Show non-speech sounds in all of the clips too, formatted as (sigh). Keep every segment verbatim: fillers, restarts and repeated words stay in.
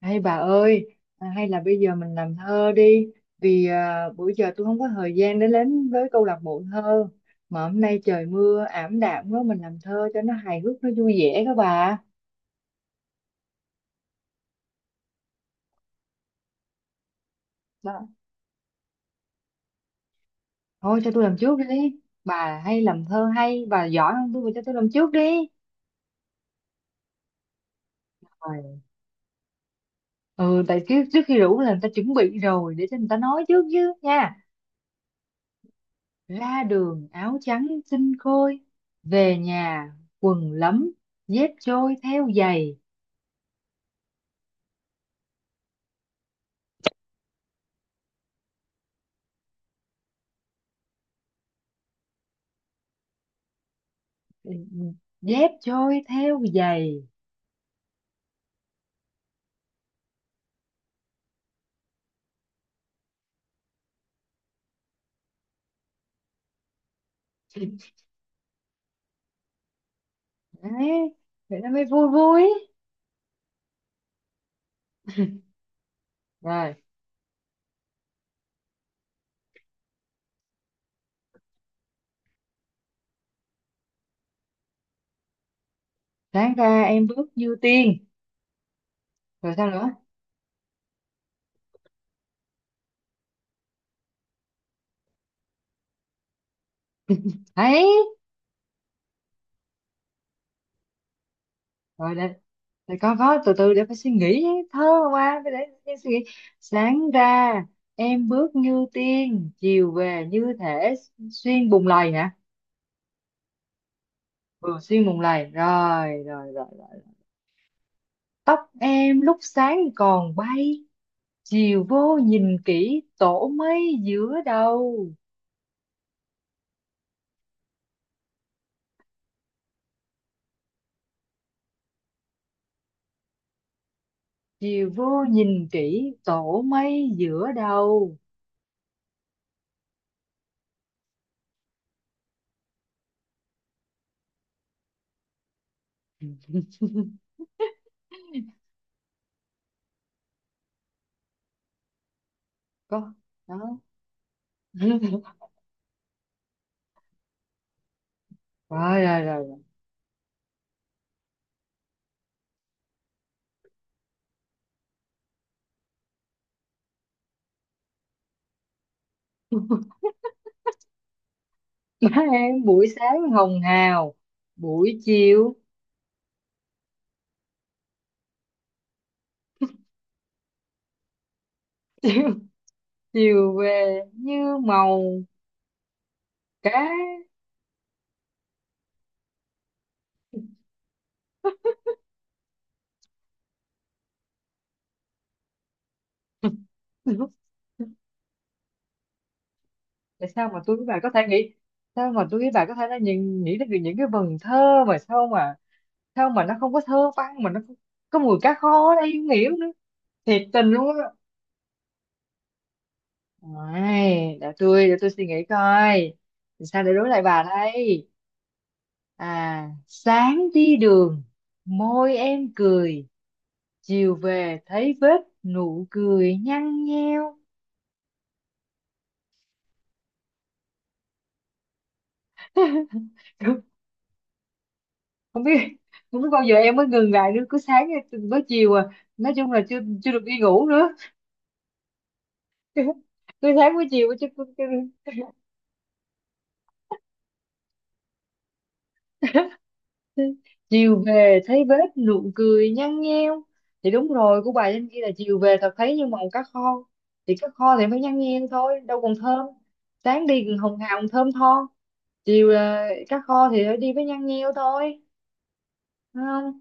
Hay bà ơi, à, hay là bây giờ mình làm thơ đi, vì à, bữa giờ tôi không có thời gian để đến với câu lạc bộ thơ, mà hôm nay trời mưa ảm đạm quá, mình làm thơ cho nó hài hước, nó vui vẻ các bà. Vâng. Thôi cho tôi làm trước đi, bà hay làm thơ hay, bà giỏi hơn tôi, bà cho tôi làm trước đi. Rồi. Ừ, tại trước, trước khi rủ là người ta chuẩn bị rồi, để cho người ta nói trước chứ nha. Ra đường áo trắng xinh khôi, về nhà quần lấm, dép trôi theo giày. Dép trôi theo giày đấy, vậy nó mới vui vui. Rồi, sáng ra em bước như tiên. Rồi sao nữa? Ấy, rồi để, để con có từ từ để phải suy nghĩ thơ, qua phải để em suy nghĩ. Sáng ra em bước như tiên, chiều về như thể xuyên bùng lầy hả? Ừ, xuyên bùng lầy, rồi rồi rồi rồi. Tóc em lúc sáng còn bay, chiều vô nhìn kỹ tổ mây giữa đầu. Chiều vô nhìn kỹ tổ mây giữa đầu. (laughs) Có đó. (laughs) rồi rồi rồi rồi. Má em buổi sáng hồng hào, buổi chiều (laughs) chiều, chiều về như màu cá. (laughs) Tại sao mà tôi với bà có thể nghĩ, sao mà tôi với bà có thể là nhìn nghĩ đến những cái vần thơ mà sao mà sao mà nó không có thơ văn mà nó không có mùi cá kho ở đây, không hiểu nữa, thiệt tình luôn. Ôi, để tôi để tôi suy nghĩ coi. Thì sao để đối lại bà đây? à sáng đi đường môi em cười, chiều về thấy vết nụ cười nhăn nheo. (laughs) Không, không biết, không biết bao giờ em mới ngừng lại nữa, cứ sáng với chiều à nói chung là chưa chưa được đi ngủ nữa. (laughs) Cứ sáng với chiều chứ. Chiều về thấy vết nụ cười nhăn nheo, thì đúng rồi, của bà trên kia là chiều về thật thấy như màu cá kho, thì cá kho thì phải nhăn nheo thôi, đâu còn thơm. Sáng đi còn hồng hào còn thơm tho, chiều là cá kho thì phải đi với nhăn nheo thôi. Đúng không?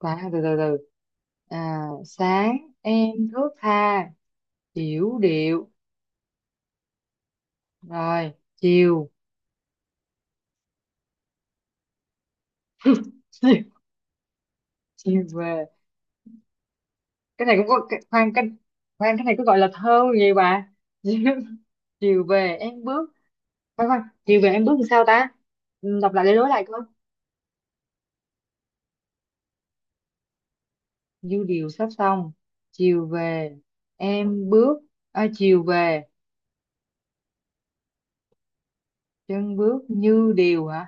Bà từ từ từ. À, sáng em thước tha hiểu điệu, rồi chiều (laughs) chiều chiều về cái này cũng có. Khoan, cái khoan cái này có gọi là thơ gì bà? (laughs) Chiều về em bước. Khoan khoan, chiều về em bước làm sao ta? Ừ, đọc lại để đối lại coi. Dư điều sắp xong. Chiều về em bước. À, chiều về chân bước như điều hả?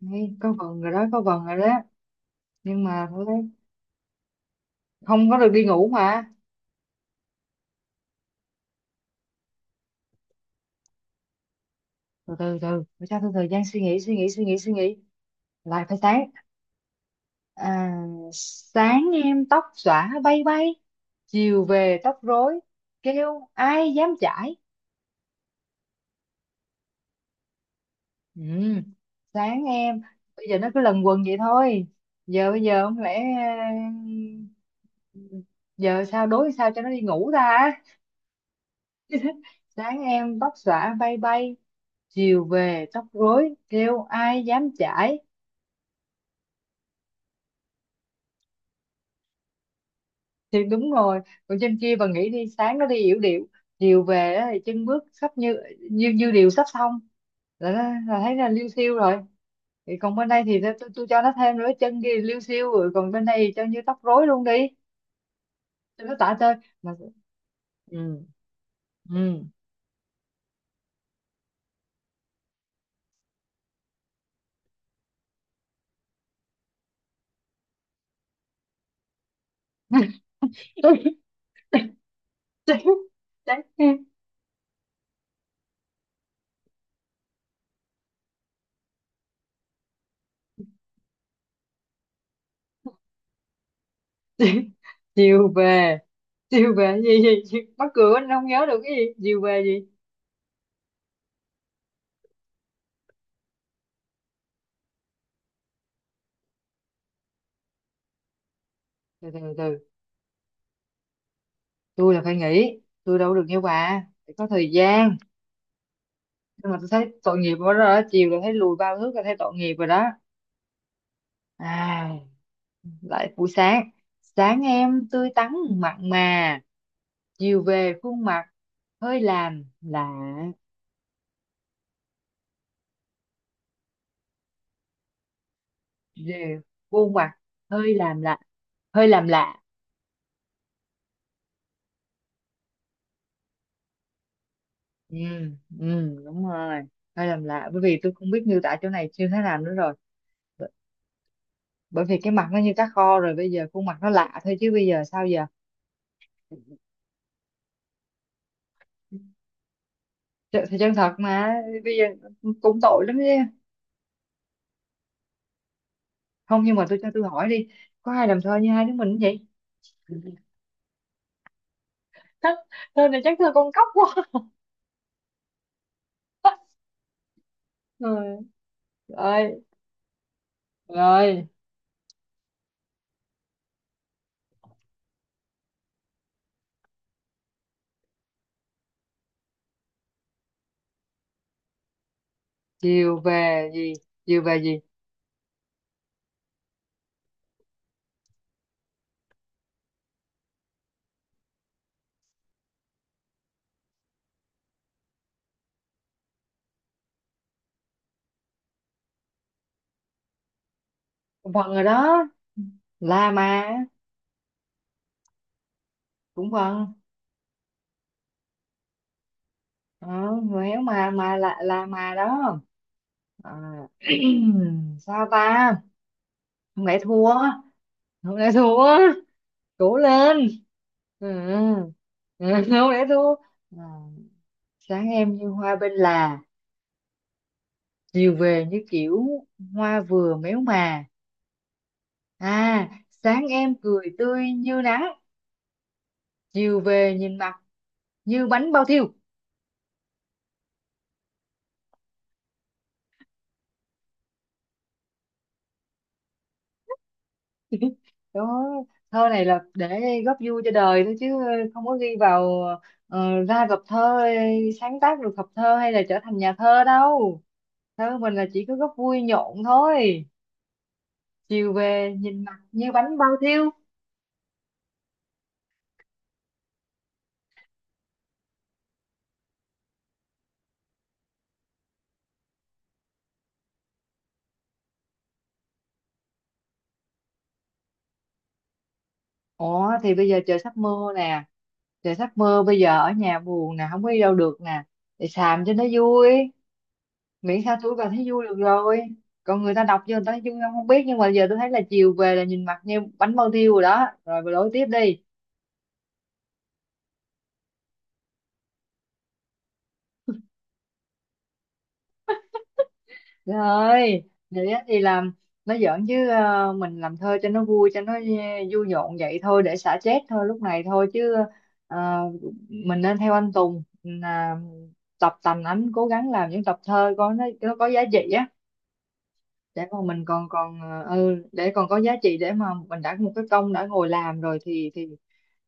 Nghe, có vần rồi đó, có vần rồi đó. Nhưng mà thôi đấy, không có được đi ngủ mà. Từ từ từ, phải cho tôi thời gian suy nghĩ, suy nghĩ, suy nghĩ, suy nghĩ. Lại phải sáng. À, sáng em tóc xõa bay bay. Chiều về tóc rối. Kêu ai dám chải? Ừ, sáng em bây giờ nó cứ lần quần vậy thôi, giờ bây giờ không lẽ, ờ, giờ sao đối sao cho nó đi ngủ ta? Sáng em tóc xõa bay bay, chiều về tóc rối kêu ai dám chải. Thì đúng rồi, còn trên kia bà nghĩ đi, sáng nó đi yểu điệu, chiều về á thì chân bước sắp như, như như điều sắp xong, là, nó- là thấy là liêu xiêu rồi, thì còn bên đây thì tôi, tôi cho nó thêm nữa, chân kia liêu xiêu rồi còn bên đây thì cho như tóc rối luôn đi. Tôi nói tả chơi mà. Ừ. Ừ. (laughs) tôi tôi tôi- tôi- (laughs) chiều về chiều về gì gì, gì? Mắc cười quá, anh không nhớ được cái gì chiều về gì. Từ từ từ từ. Tôi là phải nghỉ, tôi đâu được như bà, phải có thời gian. Nhưng mà tôi thấy tội nghiệp quá rồi đó, chiều là thấy lùi bao thước là thấy tội nghiệp rồi đó. À, lại buổi sáng. Sáng em tươi tắn mặn mà, chiều về khuôn mặt hơi làm lạ. Về khuôn mặt hơi làm lạ, hơi làm lạ. Ừ, ừ đúng rồi, hơi làm lạ, bởi vì tôi không biết miêu tả chỗ này như thế nào nữa rồi. B- Bởi vì cái mặt nó như cá kho rồi, bây giờ khuôn mặt nó lạ thôi chứ, bây giờ sao giờ. Tr- thì chân thật mà, bây giờ cũng tội lắm chứ. Không, nhưng mà tôi cho tôi hỏi đi, có ai làm thơ như hai đứa mình không vậy? Thơ thơ này chắc thơ con cóc quá. Rồi. Ơi. Rồi. Chiều về gì chiều về gì. Cũng vần rồi đó, la mà cũng vần. Ờ, người héo mà, mà là là mà đó. Ờ, (clears throat) sao ta, không lẽ thua, không lẽ thua. Cố lên. Ừ. Ừ, (laughs) không lẽ thua. Ờ, sáng em như hoa bên là, chiều về như kiểu hoa vừa méo mà. À, sáng em cười tươi như nắng, chiều về nhìn mặt như bánh bao thiêu. Đó, thơ này là để góp vui cho đời thôi chứ, không có ghi vào, ờ, ra gặp thơ sáng tác được hợp thơ hay là trở thành nhà thơ đâu. Thơ mình là chỉ có góp vui nhộn thôi. Chiều về nhìn mặt như bánh bao thiêu. Ủa thì bây giờ trời sắp mưa nè, trời sắp mưa bây giờ ở nhà buồn nè, không có đi đâu được nè, để xàm cho nó vui, miễn sao tôi cảm thấy vui được rồi. Còn người ta đọc cho người ta thấy vui không không biết, nhưng mà giờ tôi thấy là chiều về là nhìn mặt như bánh bao thiêu rồi đó, rồi bà lối tiếp đi. Trời ơi vậy á, thì làm nó giỡn chứ, ờ, mình làm thơ cho nó vui, cho nó vui nhộn vậy thôi, để xả stress thôi lúc này thôi chứ. ờ, mình nên theo anh Tùng là tập tành ảnh, cố gắng làm những tập thơ có nó, nó có giá trị á, để mà mình còn còn ờ, ừ để còn có giá trị, để mà mình đã một cái công đã ngồi làm rồi thì thì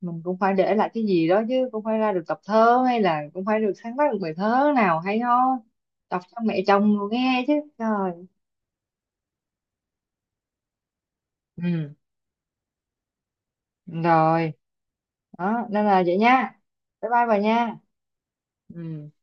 mình cũng phải để lại cái gì đó chứ, cũng phải ra được tập thơ, hay là cũng phải được sáng tác được bài thơ nào hay ho đọc cho mẹ chồng rồi nghe chứ. Trời. Ừ. Rồi. Đó nên là vậy nha. Bye bye bà nha. Ừ.